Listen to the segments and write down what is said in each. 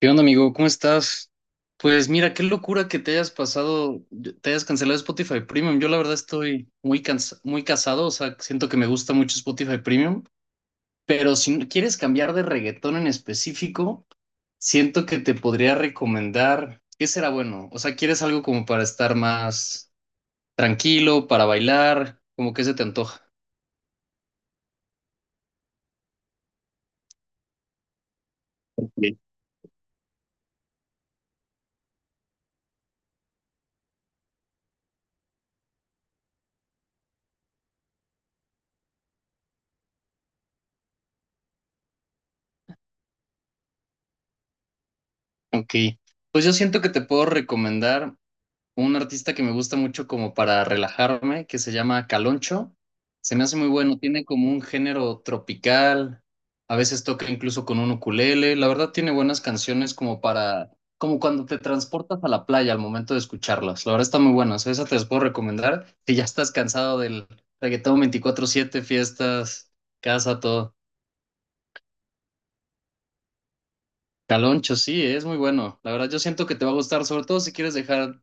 ¿Qué onda, amigo? ¿Cómo estás? Pues mira, qué locura que te hayas pasado, te hayas cancelado Spotify Premium. Yo la verdad estoy muy muy casado, o sea, siento que me gusta mucho Spotify Premium, pero si no quieres cambiar de reggaetón en específico, siento que te podría recomendar, ¿qué será bueno? O sea, ¿quieres algo como para estar más tranquilo, para bailar? ¿Cómo que se te antoja? Ok. Ok. Pues yo siento que te puedo recomendar un artista que me gusta mucho como para relajarme, que se llama Caloncho. Se me hace muy bueno, tiene como un género tropical, a veces toca incluso con un ukulele. La verdad tiene buenas canciones como para, como cuando te transportas a la playa al momento de escucharlas. La verdad está muy buena, o sea, esa te las puedo recomendar si ya estás cansado del reggaetón 24/7, fiestas, casa, todo. Caloncho, sí, es muy bueno. La verdad yo siento que te va a gustar, sobre todo si quieres dejar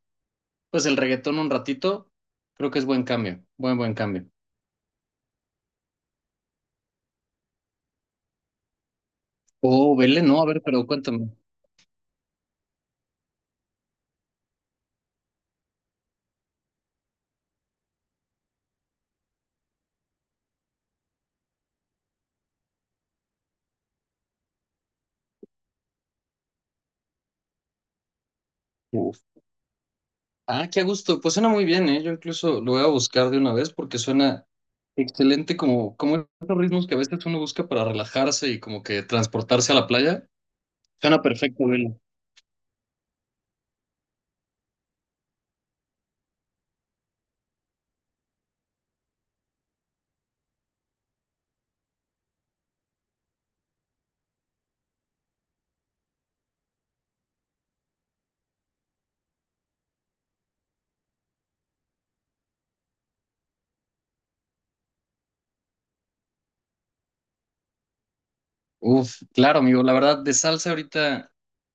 pues el reggaetón un ratito, creo que es buen cambio, buen cambio. Oh, vele, no, a ver, pero cuéntame. Uf. Ah, qué a gusto, pues suena muy bien, ¿eh? Yo incluso lo voy a buscar de una vez porque suena excelente como, como esos ritmos que a veces uno busca para relajarse y como que transportarse a la playa. Suena perfecto, vele. Uf, claro, amigo. La verdad, de salsa ahorita,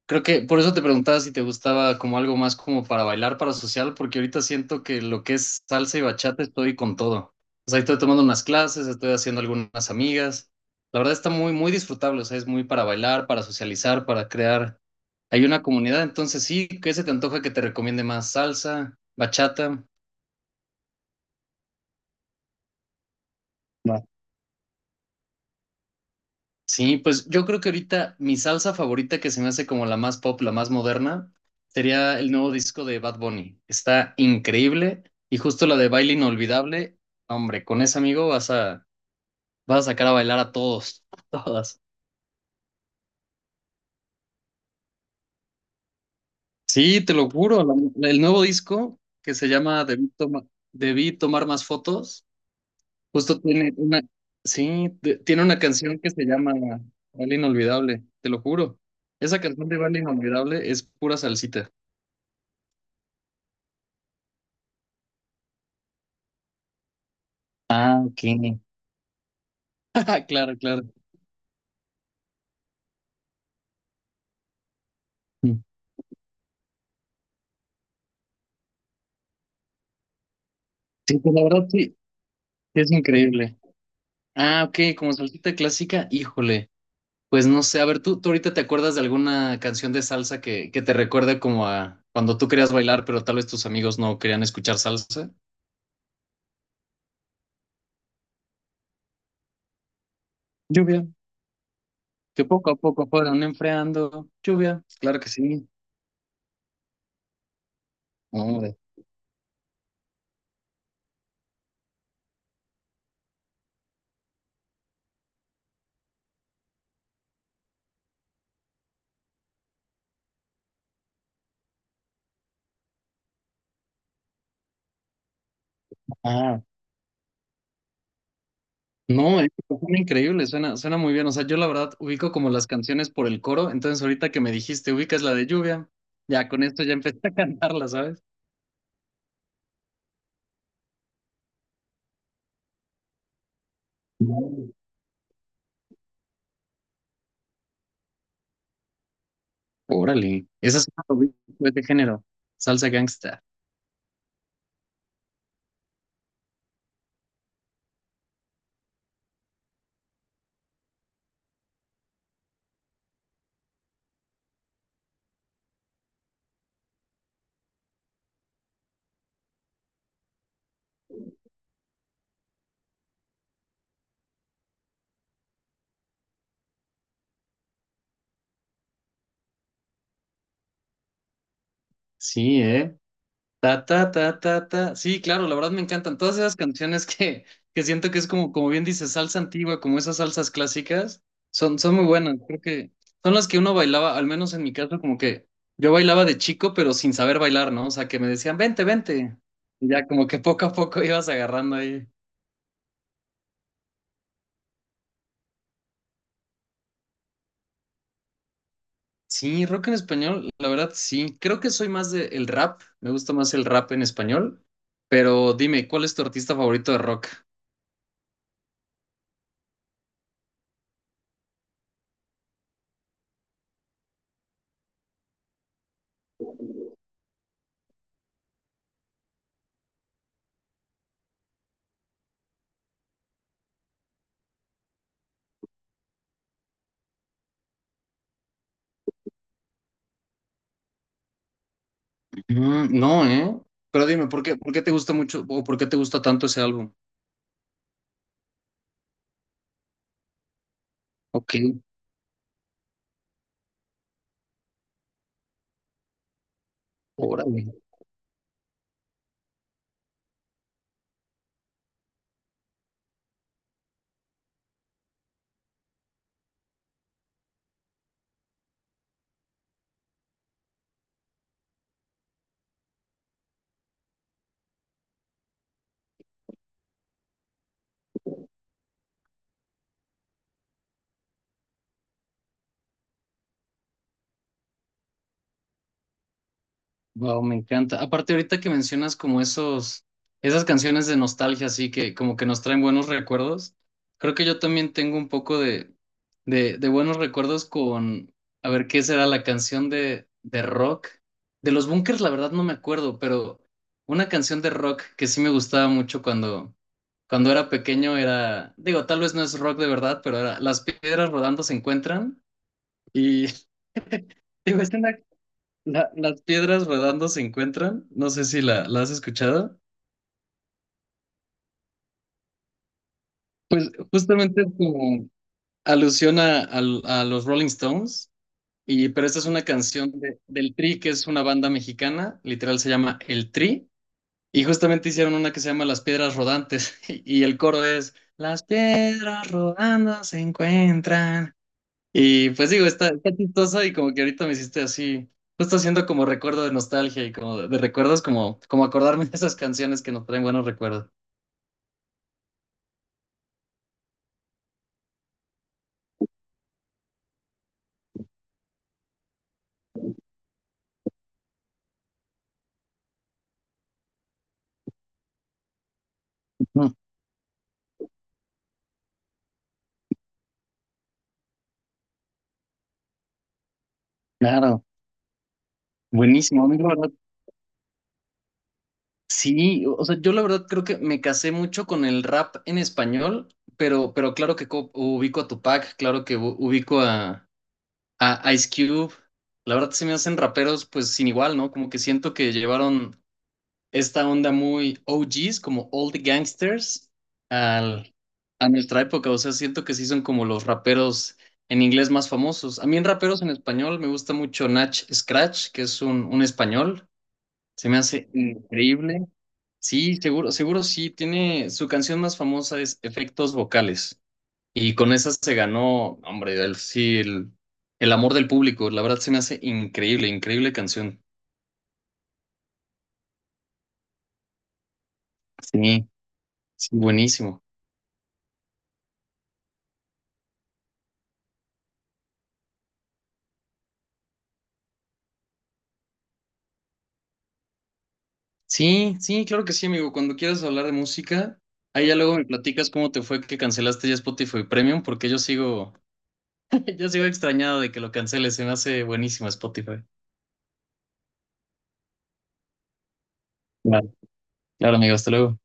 creo que por eso te preguntaba si te gustaba como algo más como para bailar, para social, porque ahorita siento que lo que es salsa y bachata estoy con todo. O sea, estoy tomando unas clases, estoy haciendo algunas amigas. La verdad está muy disfrutable. O sea, es muy para bailar, para socializar, para crear. Hay una comunidad, entonces sí, ¿qué se te antoja que te recomiende más? ¿Salsa, bachata? Sí, pues yo creo que ahorita mi salsa favorita, que se me hace como la más pop, la más moderna, sería el nuevo disco de Bad Bunny. Está increíble y justo la de Baile Inolvidable, hombre, con ese amigo vas a, vas a sacar a bailar a todos, a todas. Sí, te lo juro, el nuevo disco que se llama Debí tomar más Fotos, justo tiene una, sí, tiene una canción que se llama Baile Inolvidable, te lo juro. Esa canción de Baile Inolvidable es pura salsita. Ah, ok. Claro, claro. Mm. Sí, pues la verdad sí, sí es increíble. Ah, ok, como salsita clásica, híjole. Pues no sé, a ver, ¿tú ahorita te acuerdas de alguna canción de salsa que te recuerde como a cuando tú querías bailar, pero tal vez tus amigos no querían escuchar salsa? Lluvia, que poco a poco fueron enfriando. Lluvia, claro que sí. Hombre. No, es, suena increíble, suena, suena muy bien. O sea, yo la verdad ubico como las canciones por el coro, entonces ahorita que me dijiste ubicas la de lluvia, ya con esto ya empecé a cantarla, ¿sabes? Órale, esa es una de género, salsa gangsta. Sí, ¿eh? Ta, ta, ta, ta, ta. Sí, claro, la verdad me encantan todas esas canciones que siento que es como, como bien dices, salsa antigua, como esas salsas clásicas, son, son muy buenas. Creo que son las que uno bailaba, al menos en mi caso, como que yo bailaba de chico, pero sin saber bailar, ¿no? O sea, que me decían, vente, vente. Y ya como que poco a poco ibas agarrando ahí. Sí, rock en español, la verdad sí. Creo que soy más de el rap, me gusta más el rap en español, pero dime, ¿cuál es tu artista favorito de rock? Mm, no, ¿eh? Pero dime, ¿por qué te gusta mucho o por qué te gusta tanto ese álbum? Ok, órale. Wow, me encanta. Aparte, ahorita que mencionas como esas canciones de nostalgia, así que como que nos traen buenos recuerdos, creo que yo también tengo un poco de buenos recuerdos con, a ver, ¿qué será la canción de rock? De los Bunkers, la verdad no me acuerdo, pero una canción de rock que sí me gustaba mucho cuando era pequeño era, digo, tal vez no es rock de verdad, pero era Las Piedras Rodando Se Encuentran y digo, Las piedras rodando se encuentran, no sé si la has escuchado. Pues justamente es como alusión a los Rolling Stones, y, pero esta es una canción del Tri, que es una banda mexicana, literal se llama El Tri, y justamente hicieron una que se llama Las Piedras Rodantes, y el coro es Las piedras rodando se encuentran. Y pues digo, está, está chistoso y como que ahorita me hiciste así, justo haciendo como recuerdo de nostalgia y como de recuerdos, como, como acordarme de esas canciones que nos traen buenos recuerdos. Mm. Claro, buenísimo. A mí la verdad, sí, o sea, yo la verdad creo que me casé mucho con el rap en español, pero claro que ubico a Tupac, claro que ubico a Ice Cube. La verdad se me hacen raperos pues sin igual, ¿no? Como que siento que llevaron esta onda muy o g's como all the Gangsters, al, a nuestra época. O sea, siento que sí son como los raperos en inglés más famosos. A mí en raperos en español me gusta mucho Nach Scratch, que es un español. Se me hace increíble. Sí, seguro, seguro sí. Tiene su canción más famosa es Efectos Vocales. Y con esa se ganó, hombre, el, sí, el amor del público. La verdad se me hace increíble, increíble canción. Sí, sí, buenísimo. Sí, sí, claro que sí, amigo. Cuando quieras hablar de música, ahí ya luego me platicas cómo te fue que cancelaste ya Spotify Premium, porque yo sigo, yo sigo extrañado de que lo canceles. Se me hace buenísimo Spotify. Vale. Claro, amigo, hasta luego.